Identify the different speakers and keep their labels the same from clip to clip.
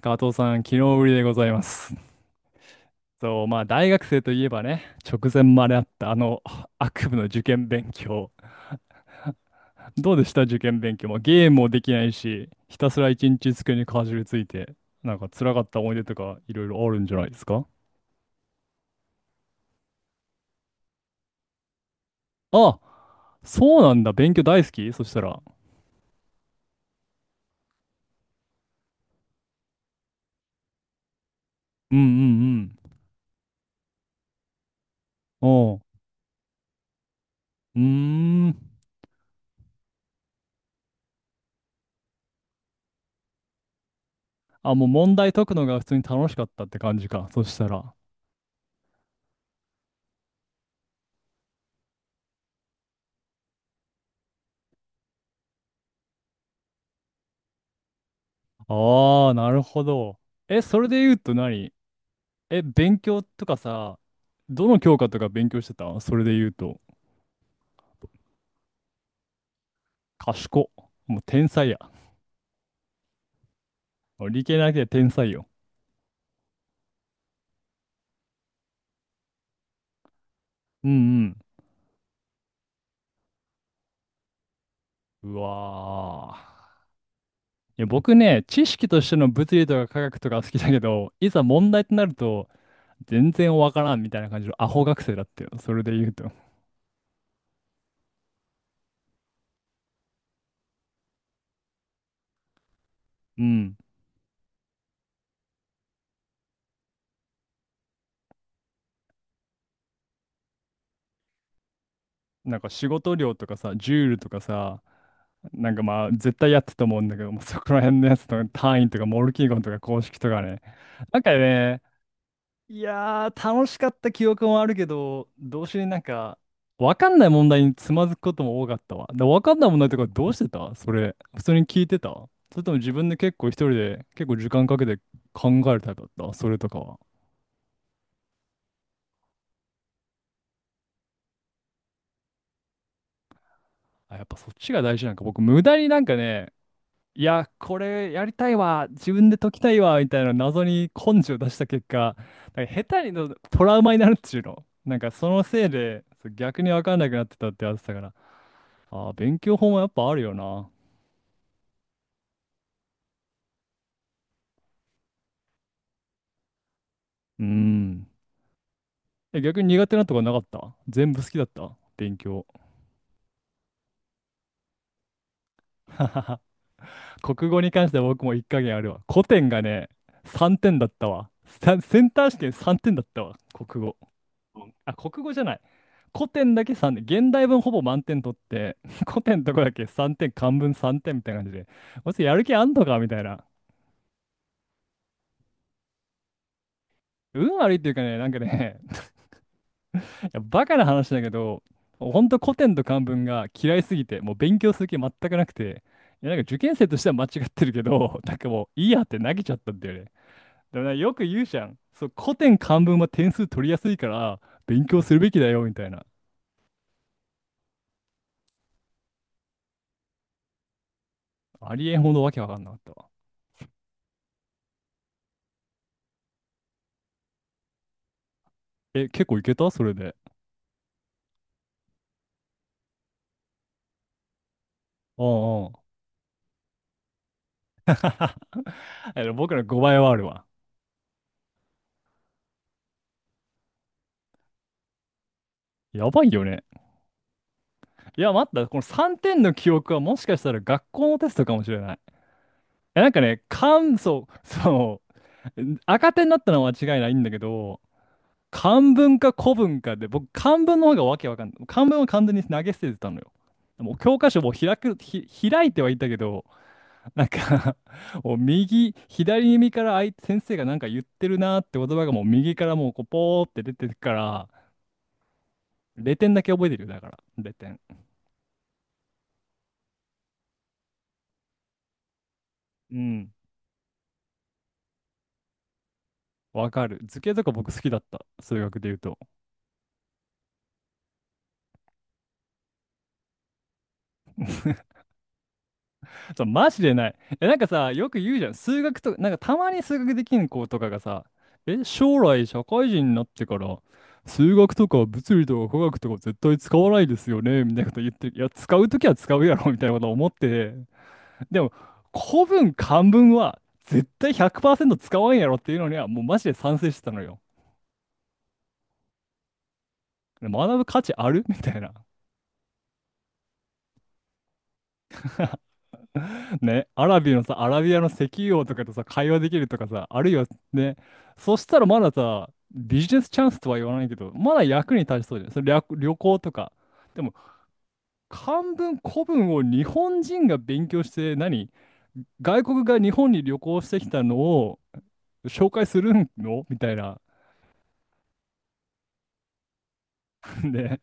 Speaker 1: 加藤さん、昨日ぶりでございます。そう、まあ、大学生といえばね、直前まであったあの悪夢の受験勉強。どうでした、受験勉強も？ゲームもできないし、ひたすら一日机にかじりついて、なんか辛かった思い出とかいろいろあるんじゃないですか？あ、そうなんだ。勉強大好き、そしたら？うんうんうん。おう。うーん。あ、もう問題解くのが普通に楽しかったって感じか、そしたら。ああ、なるほど。え、それで言うと何？え、勉強とかさ、どの教科とか勉強してた、それで言うと？賢っ。もう天才や。もう理系なくて天才よ。うんうん。うわー。いや、僕ね、知識としての物理とか科学とか好きだけど、いざ問題となると、全然わからんみたいな感じのアホ学生だったよ、それで言うと。うん。なんか仕事量とかさ、ジュールとかさ、なんかまあ絶対やってたと思うんだけど、もうそこら辺のやつとか単位とかモルキーゴンとか公式とかね。なんかね、いやー、楽しかった記憶もあるけど、どうしてなんか、わかんない問題につまずくことも多かったわ。で、わかんない問題とかどうしてた、それ？普通に聞いてた？それとも自分で結構一人で結構時間かけて考えるタイプだった、それとかは？あ、やっぱそっちが大事なんか。僕、無駄になんかね、いや、これやりたいわ、自分で解きたいわ、みたいな謎に根性を出した結果、なんか下手にのトラウマになるっていうの。なんかそのせいで、そう逆にわかんなくなってたってやつだから。ああ、勉強法もやっぱあるよな。うん。え、逆に苦手なとこなかった？全部好きだった、勉強？国語に関しては僕も一加減あるわ。古典がね、3点だったわ。センター試験3点だったわ、国語。うん、あ、国語じゃない。古典だけ3点。現代文ほぼ満点取って、古典のとこだけ3点、漢文3点みたいな感じで。こいつやる気あんのかみたいな。運悪いっていうかね、なんかね、バカな話だけど、ほんと古典と漢文が嫌いすぎて、もう勉強する気全くなくて、いや、なんか受験生としては間違ってるけど、なんかもういいやって投げちゃったんだよね。でもなんかよく言うじゃん。そう、古典漢文は点数取りやすいから、勉強するべきだよ、みたいな。ありえんほどわけわかんなかったわ。え、結構いけた、それで？うんうん。あの僕の5倍はあるわ。やばいよね。いや、待った。この3点の記憶はもしかしたら学校のテストかもしれない。え、なんかね、感想、そう、赤点になったのは間違いないんだけど、漢文か古文かで、僕、漢文の方がわけわかんない。漢文は完全に投げ捨ててたのよ。もう教科書も開く、ひ、開いてはいたけど、なんか もう左耳からあい先生がなんか言ってるなーって、言葉がもう右からもうこうポーって出てるから、0点だけ覚えてるよ、だから。0点。うん。わかる。図形とか僕好きだった、数学で言うと。そう、マジでない。え、なんかさ、よく言うじゃん。数学となんかたまに数学できん子とかがさ、え、将来社会人になってから、数学とか物理とか科学とか絶対使わないですよね、みたいなこと言ってる。いや、使うときは使うやろ、みたいなこと思ってて。でも、古文、漢文は絶対100%使わんやろっていうのには、もうマジで賛成してたのよ。学ぶ価値あるみたいな。ね、アラビアの石油王とかとさ、会話できるとかさ、あるいはね、そしたらまださ、ビジネスチャンスとは言わないけど、まだ役に立ちそうじゃん。それ略旅行とか。でも、漢文、古文を日本人が勉強して、何？外国が日本に旅行してきたのを紹介するのみたいな。ね、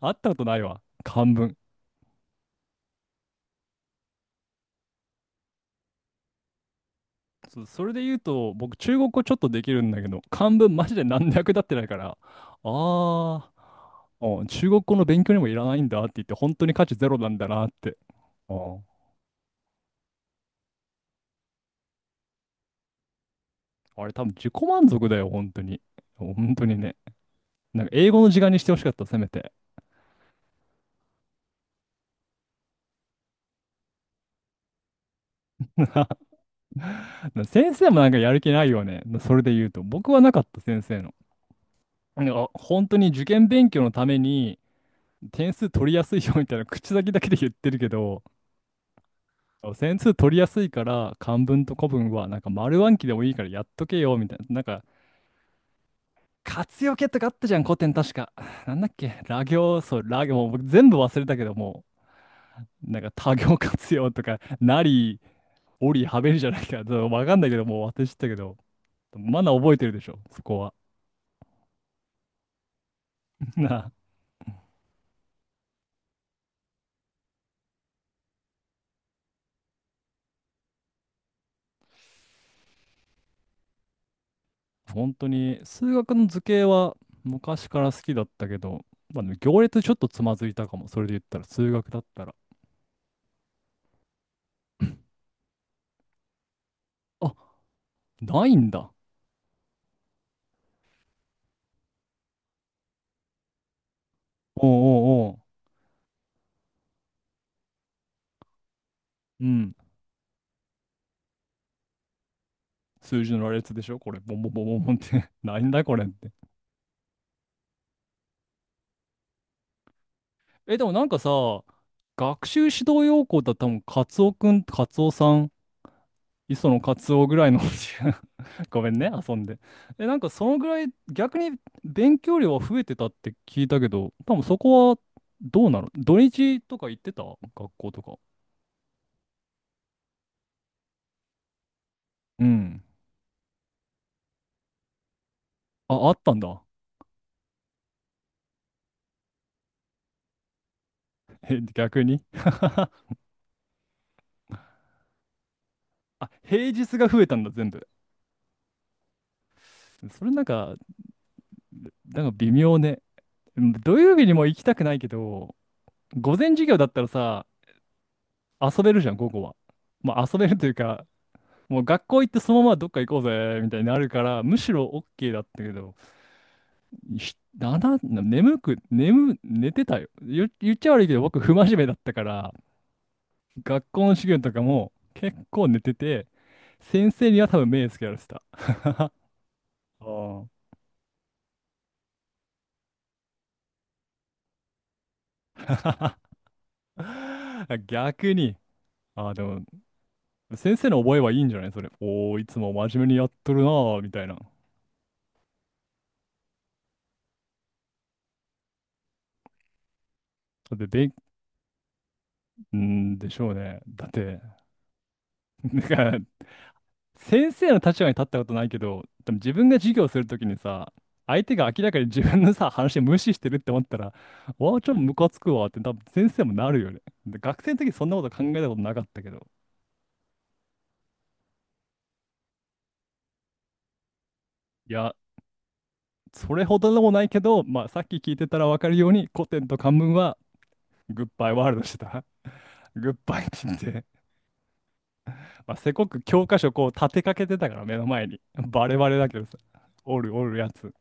Speaker 1: あったことないわ、漢文。そう、それで言うと、僕、中国語ちょっとできるんだけど、漢文マジで何の役立ってないから、あうん、中国語の勉強にもいらないんだって言って、本当に価値ゼロなんだなって。うん、あれ多分自己満足だよ、本当に。本当にね。なんか英語の時間にしてほしかった、せめて。先生もなんかやる気ないよね、それで言うと。僕はなかった、先生の。なんか本当に受験勉強のために点数取りやすいよみたいな口先だけで言ってるけど、そう、線数取りやすいから漢文と古文はなんか丸暗記でもいいからやっとけよみたいな。なんか活用形とかあったじゃん、古典、確か。なんだっけ羅行、そう羅行、もう僕全部忘れたけど、もうなんか多行活用とかなりおりはべりじゃないか、ちょっとわかんないけど、もう私ったけど、まだ覚えてるでしょそこは。なあ、本当に数学の図形は昔から好きだったけど、まあ、でも行列ちょっとつまずいたかも、それで言ったら、数学だったら。あ、ないんだ。おうおうおう。うん、数字の羅列でしょこれ、ボンボンボンボンボンって なんだこれって。え、でもなんかさ、学習指導要項だったら多分、カツオくん、カツオさん、磯野カツオぐらいの ごめんね、遊んで。え、なんかそのぐらい、逆に勉強量は増えてたって聞いたけど、多分そこはどうなの、土日とか行ってた、学校とか？うん。あ、あったんだ。え、逆に あ、平日が増えたんだ、全部。それなんか、なんか微妙ね。うん、土曜日にも行きたくないけど、午前授業だったらさ、遊べるじゃん、午後は。まあ遊べるというか、もう学校行ってそのままどっか行こうぜ、みたいになるから、むしろ OK だったけど、ひだな、眠く、眠、寝てたよ。言っちゃ悪いけど、僕、不真面目だったから、学校の授業とかも結構寝てて、先生には多分目つけられてた。うん 逆に。ああ、でも、先生の覚えはいいんじゃないそれ。おー、いつも真面目にやっとるなーみたいな。だって、うーん、でしょうね。だって、なんか、先生の立場に立ったことないけど、でも自分が授業するときにさ、相手が明らかに自分のさ、話無視してるって思ったら、わあ、ちょっとムカつくわって多分先生もなるよね。で、学生の時そんなこと考えたことなかったけど。いや、それほどでもないけど、まあ、さっき聞いてたらわかるように、古典と漢文は、グッバイワールドしてた。グッバイって言って。まあ、せこく教科書こう立てかけてたから目の前に。バレバレだけどさ。おるおるやつ。